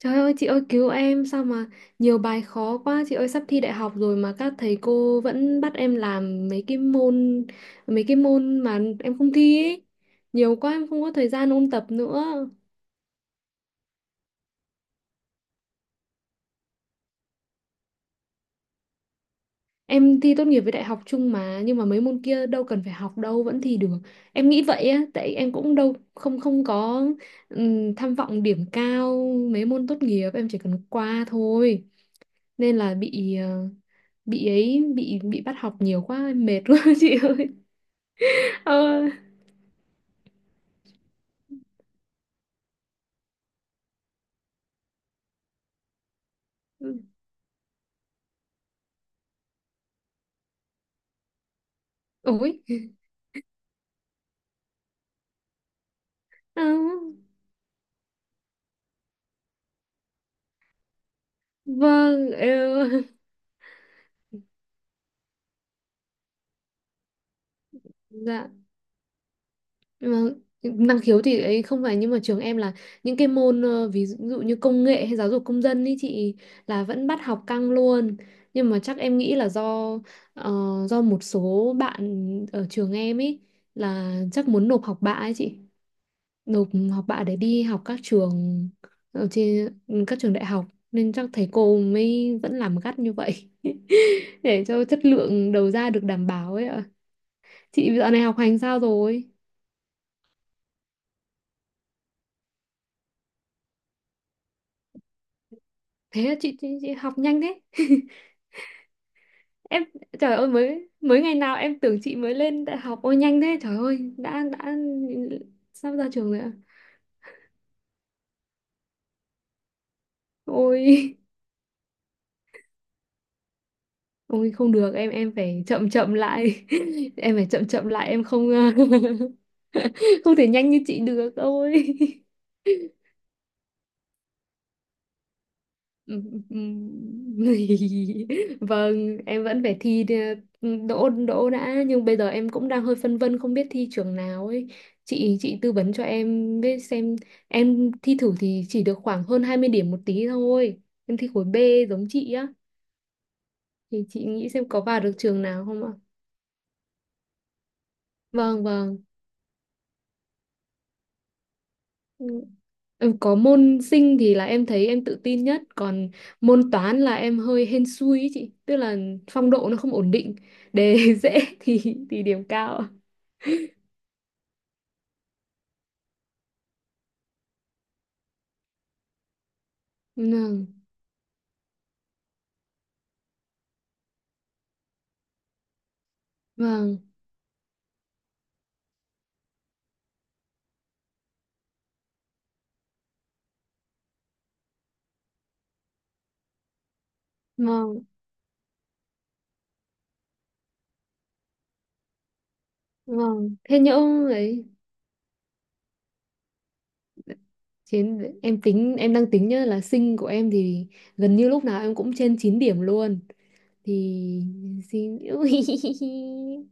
Trời ơi chị ơi cứu em, sao mà nhiều bài khó quá chị ơi, sắp thi đại học rồi mà các thầy cô vẫn bắt em làm mấy cái môn mà em không thi ấy. Nhiều quá em không có thời gian ôn tập nữa. Em thi tốt nghiệp với đại học chung mà, nhưng mà mấy môn kia đâu cần phải học đâu vẫn thi được. Em nghĩ vậy á, tại em cũng đâu không không có tham vọng điểm cao, mấy môn tốt nghiệp em chỉ cần qua thôi. Nên là bị ờ, bị ấy bị bắt học nhiều quá, em mệt quá chị ơi. Ờ. Ôi. Ờ. Vâng. Ờ. Dạ. Vâng. Năng khiếu thì ấy không phải, nhưng mà trường em là những cái môn ví dụ như công nghệ hay giáo dục công dân ý chị, là vẫn bắt học căng luôn. Nhưng mà chắc em nghĩ là ờ, do một số bạn ở trường em ý là chắc muốn nộp học bạ ấy chị. Nộp học bạ để đi học các trường, ở trên, các trường đại học, nên chắc thầy cô mới vẫn làm gắt như vậy để cho chất lượng đầu ra được đảm bảo ấy ạ. Chị dạo này học hành sao rồi? Thế là chị học nhanh thế. Em, trời ơi, mới mới ngày nào em tưởng chị mới lên đại học, ôi nhanh thế trời ơi, đã sắp ra trường rồi ạ. Ôi. Ôi không được, em phải chậm chậm lại em phải chậm chậm lại, em không không thể nhanh như chị được ôi. Vâng, em vẫn phải thi đỗ đỗ đã, nhưng bây giờ em cũng đang hơi phân vân, không biết thi trường nào ấy. Chị tư vấn cho em biết xem, em thi thử thì chỉ được khoảng hơn 20 điểm một tí thôi, em thi khối B giống chị á, thì chị nghĩ xem có vào được trường nào không ạ? Vâng, vâng. Ừ, có môn sinh thì là em thấy em tự tin nhất, còn môn toán là em hơi hên xui ý chị, tức là phong độ nó không ổn định, đề dễ thì điểm cao. Vâng, vâng, vâng, vâng. Thế nhỡ ấy, chiến, em tính, em đang tính nhá, là sinh của em thì gần như lúc nào em cũng trên 9 điểm luôn thì xin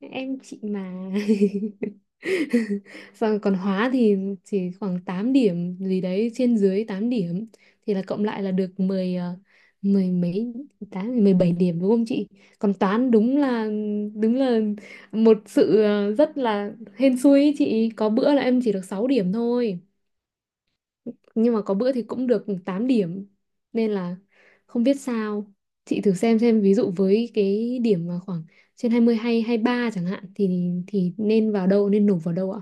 em chị mà. Xong còn hóa thì chỉ khoảng 8 điểm gì đấy, trên dưới 8 điểm, thì là cộng lại là được 10 mười mấy, tám, 17 điểm đúng không chị? Còn toán đúng là một sự rất là hên xui ý chị, có bữa là em chỉ được 6 điểm thôi, nhưng mà có bữa thì cũng được 8 điểm, nên là không biết sao. Chị thử xem, ví dụ với cái điểm mà khoảng trên 20 hay 23 chẳng hạn thì nên vào đâu, nên nộp vào đâu ạ?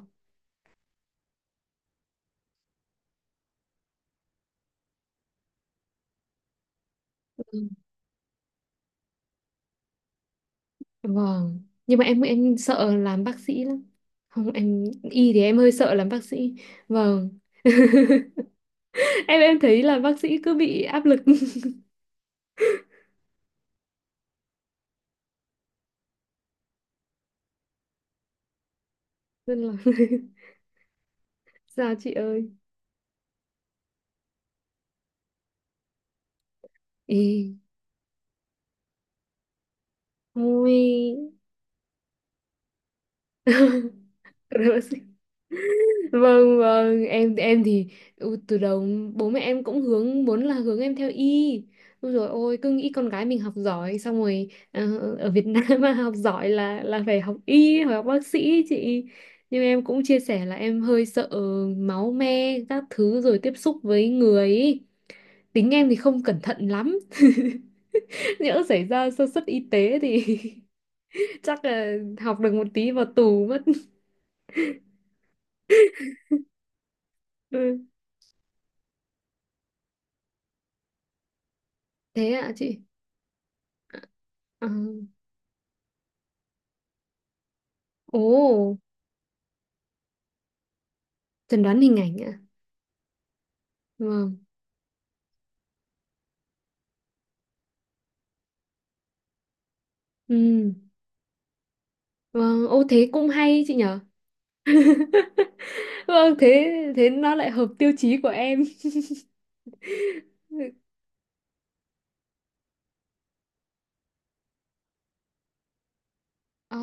Ừ. Vâng, nhưng mà em sợ làm bác sĩ lắm, không em, y thì em hơi sợ làm bác sĩ. Vâng. Em thấy là bác sĩ cứ bị áp lực nên là sao chị ơi. Ê, ôi. Rồi bác sĩ, vâng vâng, em thì ừ, từ đầu bố mẹ em cũng hướng muốn là hướng em theo y. Ôi rồi ôi, cứ nghĩ con gái mình học giỏi xong rồi ở Việt Nam mà học giỏi là phải học y hoặc học bác sĩ ấy chị. Nhưng em cũng chia sẻ là em hơi sợ máu me các thứ, rồi tiếp xúc với người ấy. Tính em thì không cẩn thận lắm nhỡ xảy ra sơ suất y tế thì chắc là học được một tí vào tù mất. Ừ. Thế ạ chị. Ờ. Ồ. Chẩn đoán hình ảnh ạ. Vâng. Ừm. Vâng, ô thế cũng hay chị nhở. Vâng, thế thế nó lại hợp tiêu chí của em. Ồ,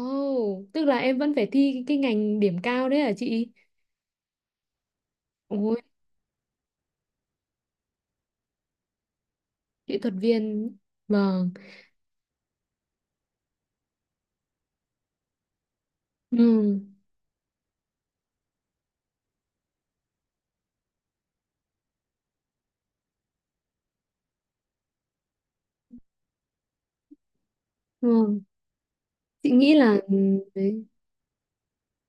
tức là em vẫn phải thi cái ngành điểm cao đấy hả chị? Ôi, kỹ thuật viên. Vâng. Ừ, vâng. Chị nghĩ là ừ, đấy.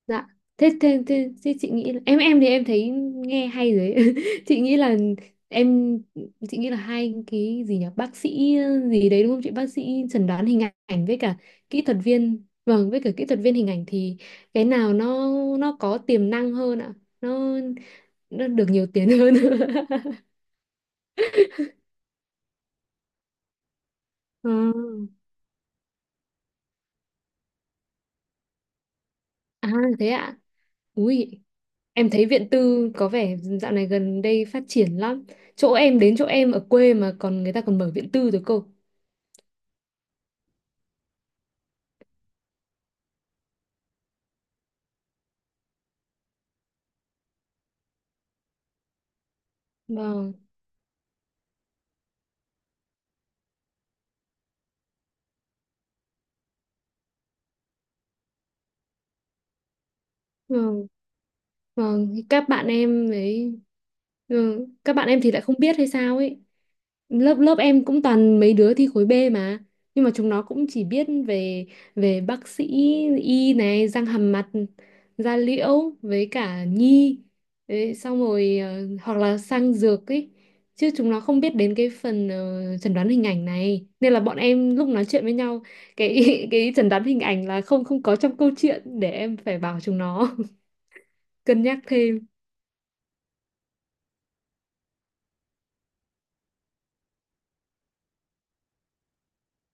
Dạ. Thế, chị nghĩ là, em thì em thấy nghe hay rồi ấy. Chị nghĩ là em chị nghĩ là hai cái gì nhỉ, bác sĩ gì đấy đúng không chị, bác sĩ chẩn đoán hình ảnh với cả kỹ thuật viên, vâng, với cả kỹ thuật viên hình ảnh thì cái nào nó có tiềm năng hơn ạ, nó nó được nhiều tiền hơn. Ờ. À, thế ạ. Ui, em thấy viện tư có vẻ dạo này gần đây phát triển lắm, chỗ em đến chỗ em ở quê mà còn, người ta còn mở viện tư rồi cơ. Vâng, vâng, vâng, các bạn em ấy, ừ, các bạn em thì lại không biết hay sao ấy, lớp lớp em cũng toàn mấy đứa thi khối B mà, nhưng mà chúng nó cũng chỉ biết về về bác sĩ y này, răng hàm mặt, da liễu với cả nhi. Đấy, xong rồi hoặc là sang dược ấy, chứ chúng nó không biết đến cái phần chẩn đoán hình ảnh này, nên là bọn em lúc nói chuyện với nhau cái cái chẩn đoán hình ảnh là không không có trong câu chuyện, để em phải bảo chúng nó cân nhắc thêm.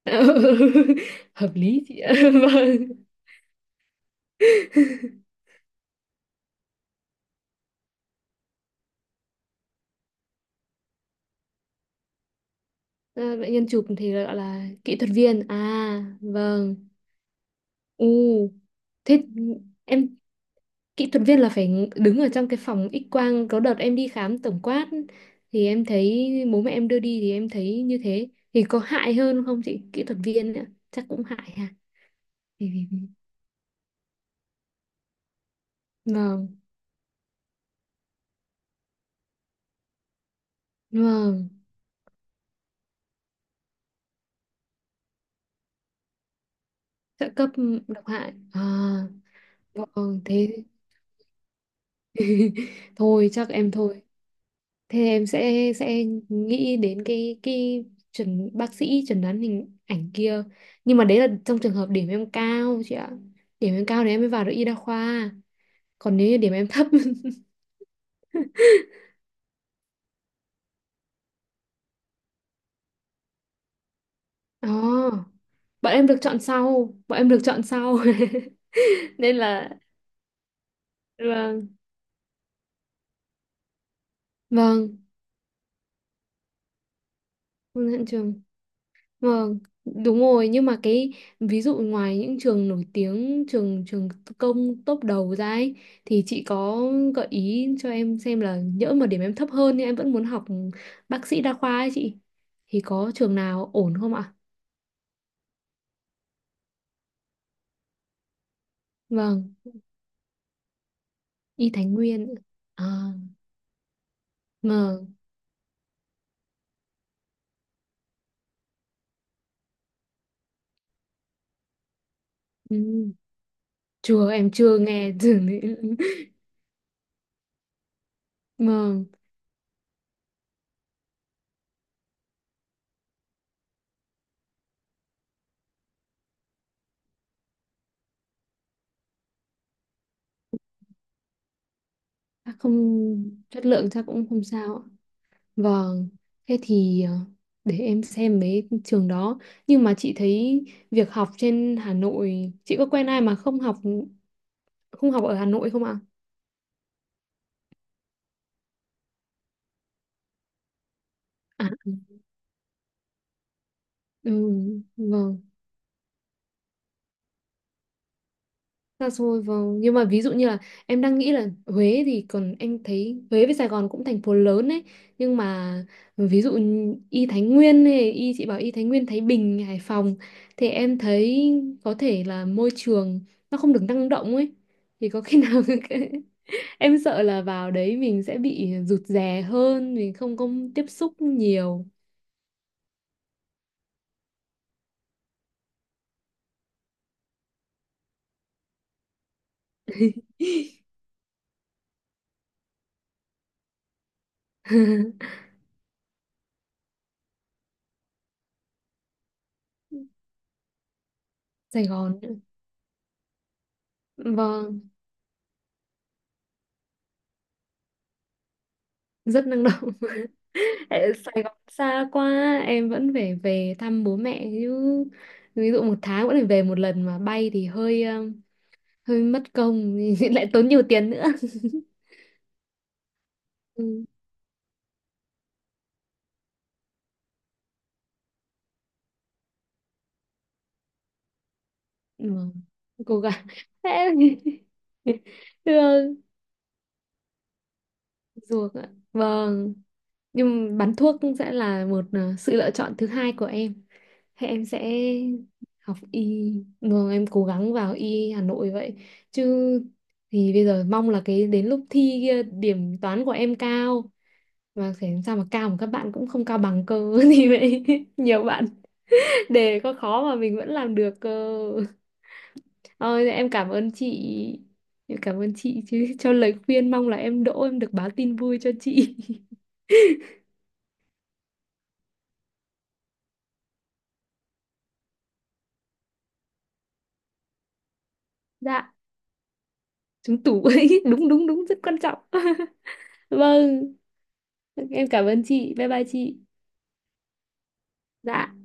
Hợp lý chị ạ. Vâng. À, bệnh nhân chụp thì gọi là kỹ thuật viên à, vâng. U, thế em, kỹ thuật viên là phải đứng ở trong cái phòng X quang, có đợt em đi khám tổng quát thì em thấy bố mẹ em đưa đi thì em thấy như thế, thì có hại hơn không chị, kỹ thuật viên nữa chắc cũng hại ha. Vì- vì- vì- vâng, vâng, trợ cấp độc hại à, vâng thế thôi chắc em thôi. Thế em sẽ nghĩ đến cái chuẩn bác sĩ chẩn đoán hình ảnh kia. Nhưng mà đấy là trong trường hợp điểm em cao chị ạ. Điểm em cao thì em mới vào được y đa khoa. Còn nếu như điểm em thấp. Ồ, bọn em được chọn sau, bọn em được chọn sau. Nên là vâng, vâng, vâng, hẹn trường. Vâng, đúng rồi, nhưng mà cái ví dụ ngoài những trường nổi tiếng, trường trường công top đầu ra ấy, thì chị có gợi ý cho em xem là nhỡ mà điểm em thấp hơn nhưng em vẫn muốn học bác sĩ đa khoa ấy chị, thì có trường nào ổn không ạ? Vâng, Y Thái Nguyên. À, vâng. Ừ. Chưa, em chưa nghe trường đấy. Vâng, chắc không, chất lượng chắc cũng không sao ạ. Vâng, thế thì để em xem mấy trường đó. Nhưng mà chị thấy việc học trên Hà Nội, chị có quen ai mà không học ở Hà Nội không ạ? À, ừ, vâng, xa xôi vâng. Nhưng mà ví dụ như là em đang nghĩ là Huế thì còn em thấy Huế với Sài Gòn cũng thành phố lớn ấy. Nhưng mà ví dụ như Y Thái Nguyên hay Y chị bảo Y Thái Nguyên, Thái Bình, Hải Phòng thì em thấy có thể là môi trường nó không được năng động ấy. Thì có khi nào em sợ là vào đấy mình sẽ bị rụt rè hơn, mình không có tiếp xúc nhiều. Sài Gòn, vâng, rất năng động. Tại Sài Gòn xa quá, em vẫn phải về thăm bố mẹ chứ. Ví dụ một tháng vẫn phải về một lần mà bay thì hơi hơi mất công, lại tốn nhiều tiền nữa. Ừ, vâng, cố gắng. Thế em- Được, ruột ạ. Vâng. Nhưng bán thuốc sẽ là một sự lựa chọn thứ hai của em. Thế em sẽ học y, vâng em cố gắng vào y Hà Nội vậy, chứ thì bây giờ mong là cái đến lúc thi kia điểm toán của em cao, mà phải làm sao mà cao mà các bạn cũng không cao bằng cơ thì vậy. Nhiều bạn, đề có khó mà mình vẫn làm được cơ. Ôi, em cảm ơn chị, em cảm ơn chị chứ cho lời khuyên, mong là em đỗ, em được báo tin vui cho chị. Dạ, trúng tủ ấy, đúng đúng đúng, rất quan trọng. Vâng, em cảm ơn chị, bye bye chị. Dạ.